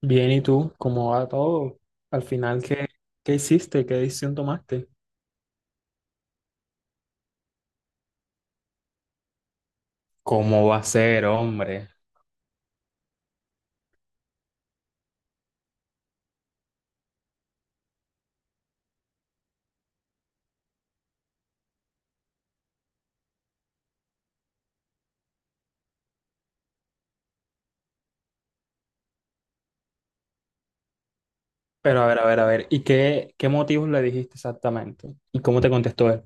Bien, ¿y tú? ¿Cómo va todo? Al final, ¿qué hiciste? ¿Qué decisión tomaste? ¿Cómo va a ser, hombre? Pero a ver, a ver, a ver, ¿y qué motivos le dijiste exactamente? ¿Y cómo te contestó él?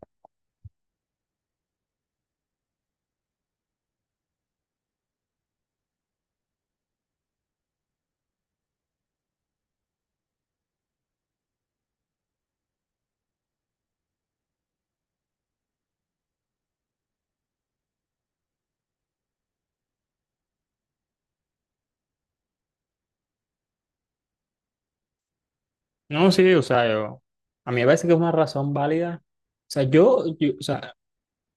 No, sí, o sea, yo, a mí me parece que es una razón válida. O sea, yo, yo- o sea,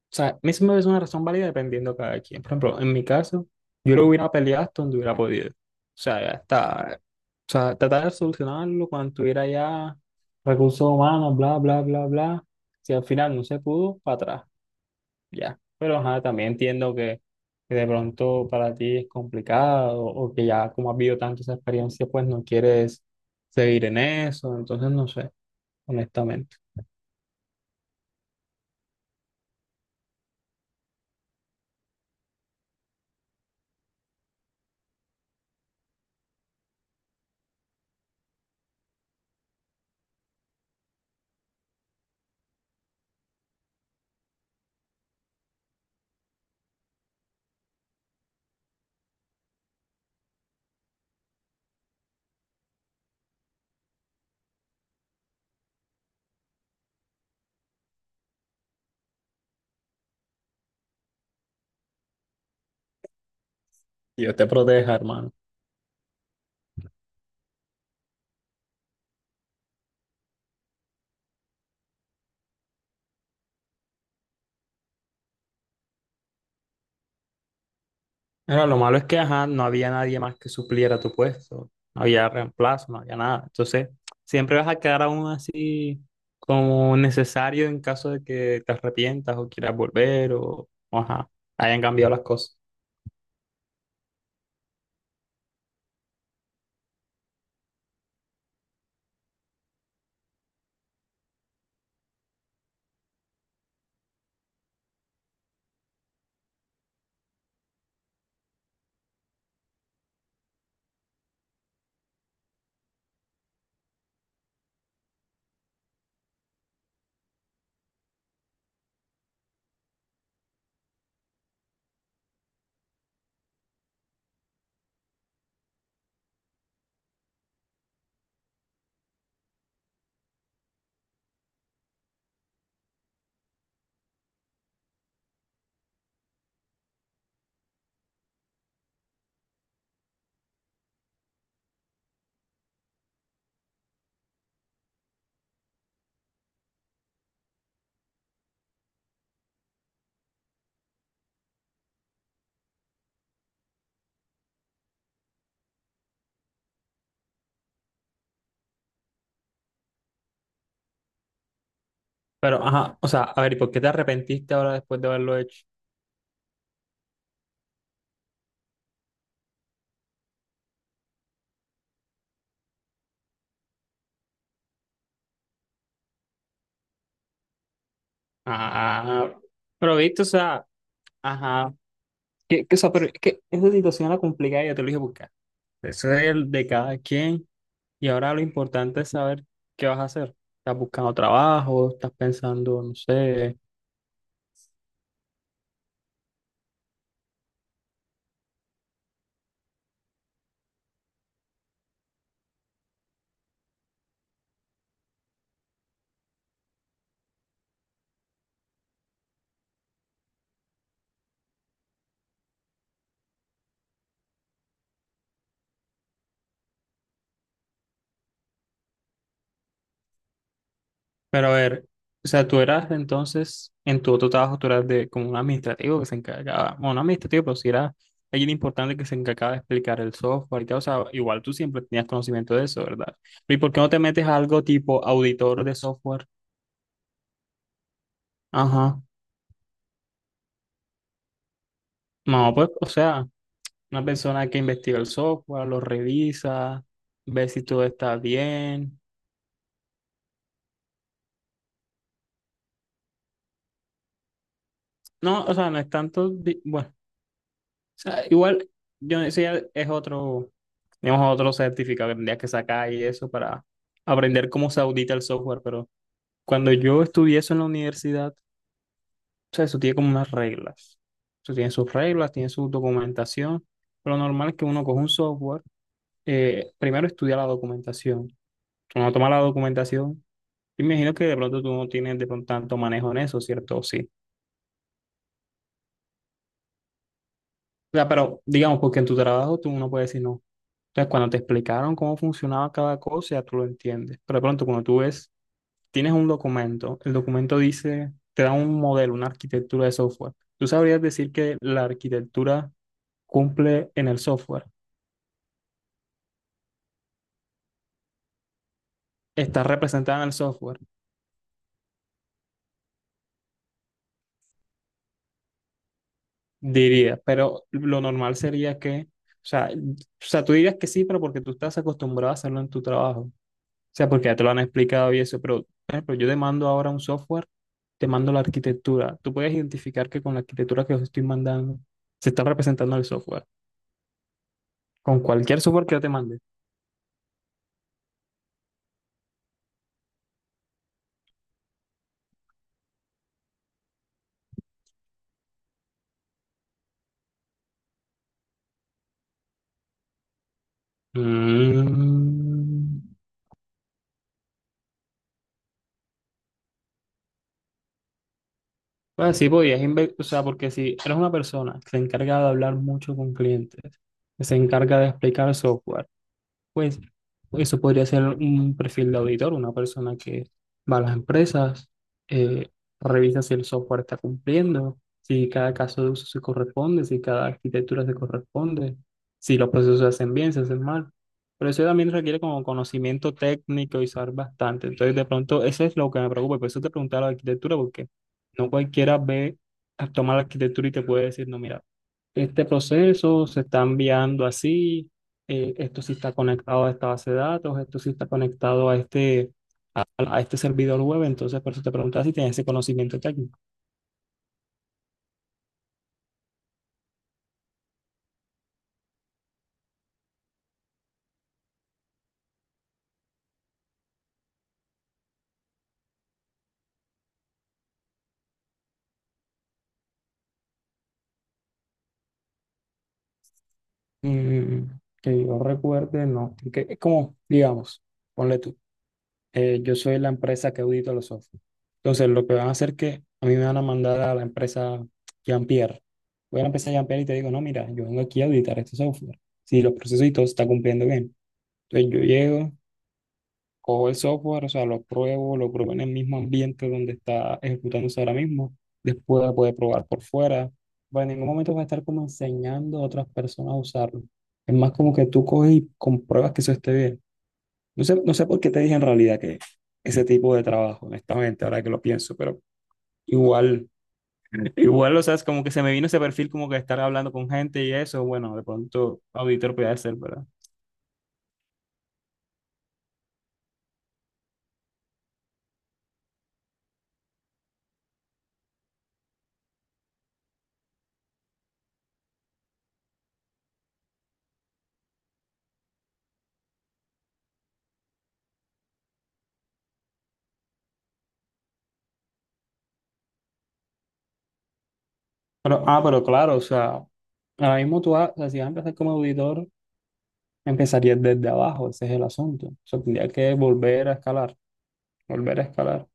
O sea, a mí se me parece una razón válida dependiendo de cada quien. Por ejemplo, en mi caso, yo lo hubiera peleado hasta donde hubiera podido. O sea, ya está. O sea, tratar de solucionarlo cuando tuviera ya recursos humanos, bla, bla, bla, bla. Si al final no se pudo, para atrás, ya. Pero ajá, también entiendo que de pronto para ti es complicado o que ya como has vivido tanto esa experiencia, pues no quieres seguir en eso. Entonces, no sé, honestamente. Dios te proteja, hermano. Bueno, lo malo es que, ajá, no había nadie más que supliera tu puesto, no había reemplazo, no había nada. Entonces, siempre vas a quedar aún así como necesario en caso de que te arrepientas o quieras volver o, ajá, hayan cambiado las cosas. Pero, ajá, o sea, a ver, ¿y por qué te arrepentiste ahora después de haberlo hecho? Ah, pero viste, o sea, ajá, que, o sea, pero es que esa situación la complicada, ya te lo dije, buscar. Eso es el de cada quien. Y ahora lo importante es saber qué vas a hacer. ¿Estás buscando trabajo? ¿Estás pensando, no sé? Pero a ver, o sea, tú eras entonces, en tu otro trabajo, tú eras de como un administrativo que se encargaba, bueno, no administrativo, pero sí era alguien importante que se encargaba de explicar el software y tal. O sea, igual tú siempre tenías conocimiento de eso, ¿verdad? ¿Y por qué no te metes a algo tipo auditor de software? Ajá. No, pues, o sea, una persona que investiga el software, lo revisa, ve si todo está bien. No, o sea, no es tanto, bueno, o sea, igual yo decía, es otro, digamos, otro certificado que tendrías que sacar y eso para aprender cómo se audita el software, pero cuando yo estudié eso en la universidad, o sea, eso tiene como unas reglas, eso tiene sus reglas, tiene su documentación, pero lo normal es que uno coge un software, primero estudia la documentación, uno toma la documentación, y me imagino que de pronto tú no tienes de pronto tanto manejo en eso, ¿cierto? Sí. O sea, pero digamos, porque en tu trabajo tú no puedes decir no. Entonces, cuando te explicaron cómo funcionaba cada cosa, ya tú lo entiendes. Pero de pronto, cuando tú ves, tienes un documento, el documento dice, te da un modelo, una arquitectura de software. ¿Tú sabrías decir que la arquitectura cumple en el software? Está representada en el software, diría, pero lo normal sería que, o sea, tú dirías que sí, pero porque tú estás acostumbrado a hacerlo en tu trabajo. Sea, porque ya te lo han explicado y eso, pero, por ejemplo, yo te mando ahora un software, te mando la arquitectura. Tú puedes identificar que con la arquitectura que os estoy mandando se está representando el software. Con cualquier software que yo te mande. Mm. Pues sí, podías, o sea, porque si eres una persona que se encarga de hablar mucho con clientes, que se encarga de explicar software, pues eso podría ser un perfil de auditor, una persona que va a las empresas, eh, revisa si el software está cumpliendo, si cada caso de uso se corresponde, si cada arquitectura se corresponde, si los procesos se hacen bien, se hacen mal. Pero eso también requiere como conocimiento técnico y saber bastante. Entonces, de pronto, eso es lo que me preocupa. Por eso te preguntaba la arquitectura, porque no cualquiera ve, toma la arquitectura y te puede decir, no, mira, este proceso se está enviando así, esto sí está conectado a esta base de datos, esto sí está conectado a este, a este servidor web, entonces por eso te preguntaba si tienes ese conocimiento técnico. Mm, que yo recuerde, no, que es como, digamos, ponle tú, yo soy la empresa que audita los software. Entonces lo que van a hacer es que a mí me van a mandar a la empresa Jean-Pierre. Voy a la empresa Jean-Pierre y te digo, no, mira, yo vengo aquí a auditar este software. Si los procesos y todo se está cumpliendo bien. Entonces yo llego, cojo el software, o sea, lo pruebo en el mismo ambiente donde está ejecutándose ahora mismo, después lo puede probar por fuera, pero en ningún momento va a estar como enseñando a otras personas a usarlo. Es más como que tú coges y compruebas que eso esté bien. No sé, no sé por qué te dije en realidad que ese tipo de trabajo, honestamente, ahora que lo pienso, pero igual, igual, o sea, es como que se me vino ese perfil como que estar hablando con gente y eso, bueno, de pronto auditor puede ser, ¿verdad? Pero, ah, pero claro, o sea, ahora mismo tú, o sea, si vas a empezar como auditor, empezaría desde abajo, ese es el asunto. O sea, tendría que volver a escalar, volver a escalar. O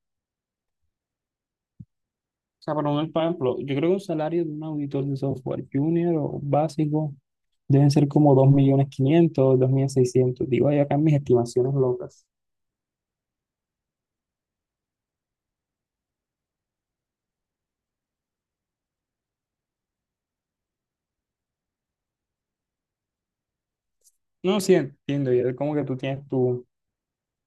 sea, para un, por ejemplo, yo creo que un salario de un auditor de software junior o básico deben ser como 2.500.000, seiscientos. Digo, ahí acá mis estimaciones locas. No, sí, entiendo. Ya es como que tú tienes tu,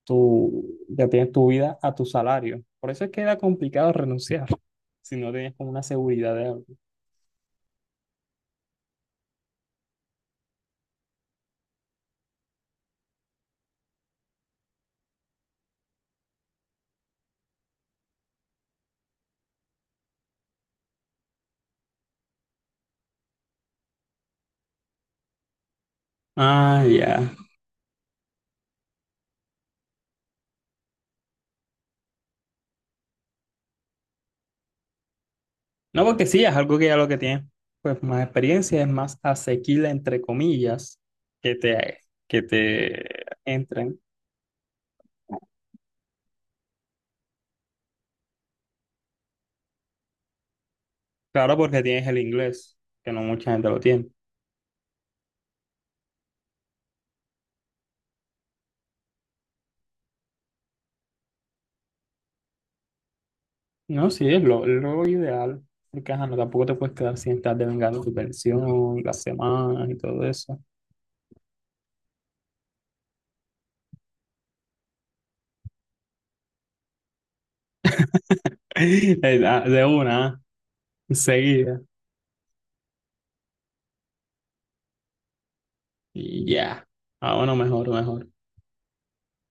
tu, ya tienes tu vida a tu salario. Por eso es que era complicado renunciar si no tenías como una seguridad de algo. Ah, ya. No, porque sí, es algo que ya lo que tienes pues más experiencia, es más asequible, entre comillas, que te, que te entren. Claro, porque tienes el inglés, que no mucha gente lo tiene. No, sí, es lo ideal, porque ajá, no, tampoco te puedes quedar sin estar devengando tu pensión, las semanas y todo eso. De de una, enseguida. Y ya. Ah, bueno, mejor, mejor.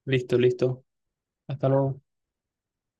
Listo, listo. Hasta luego.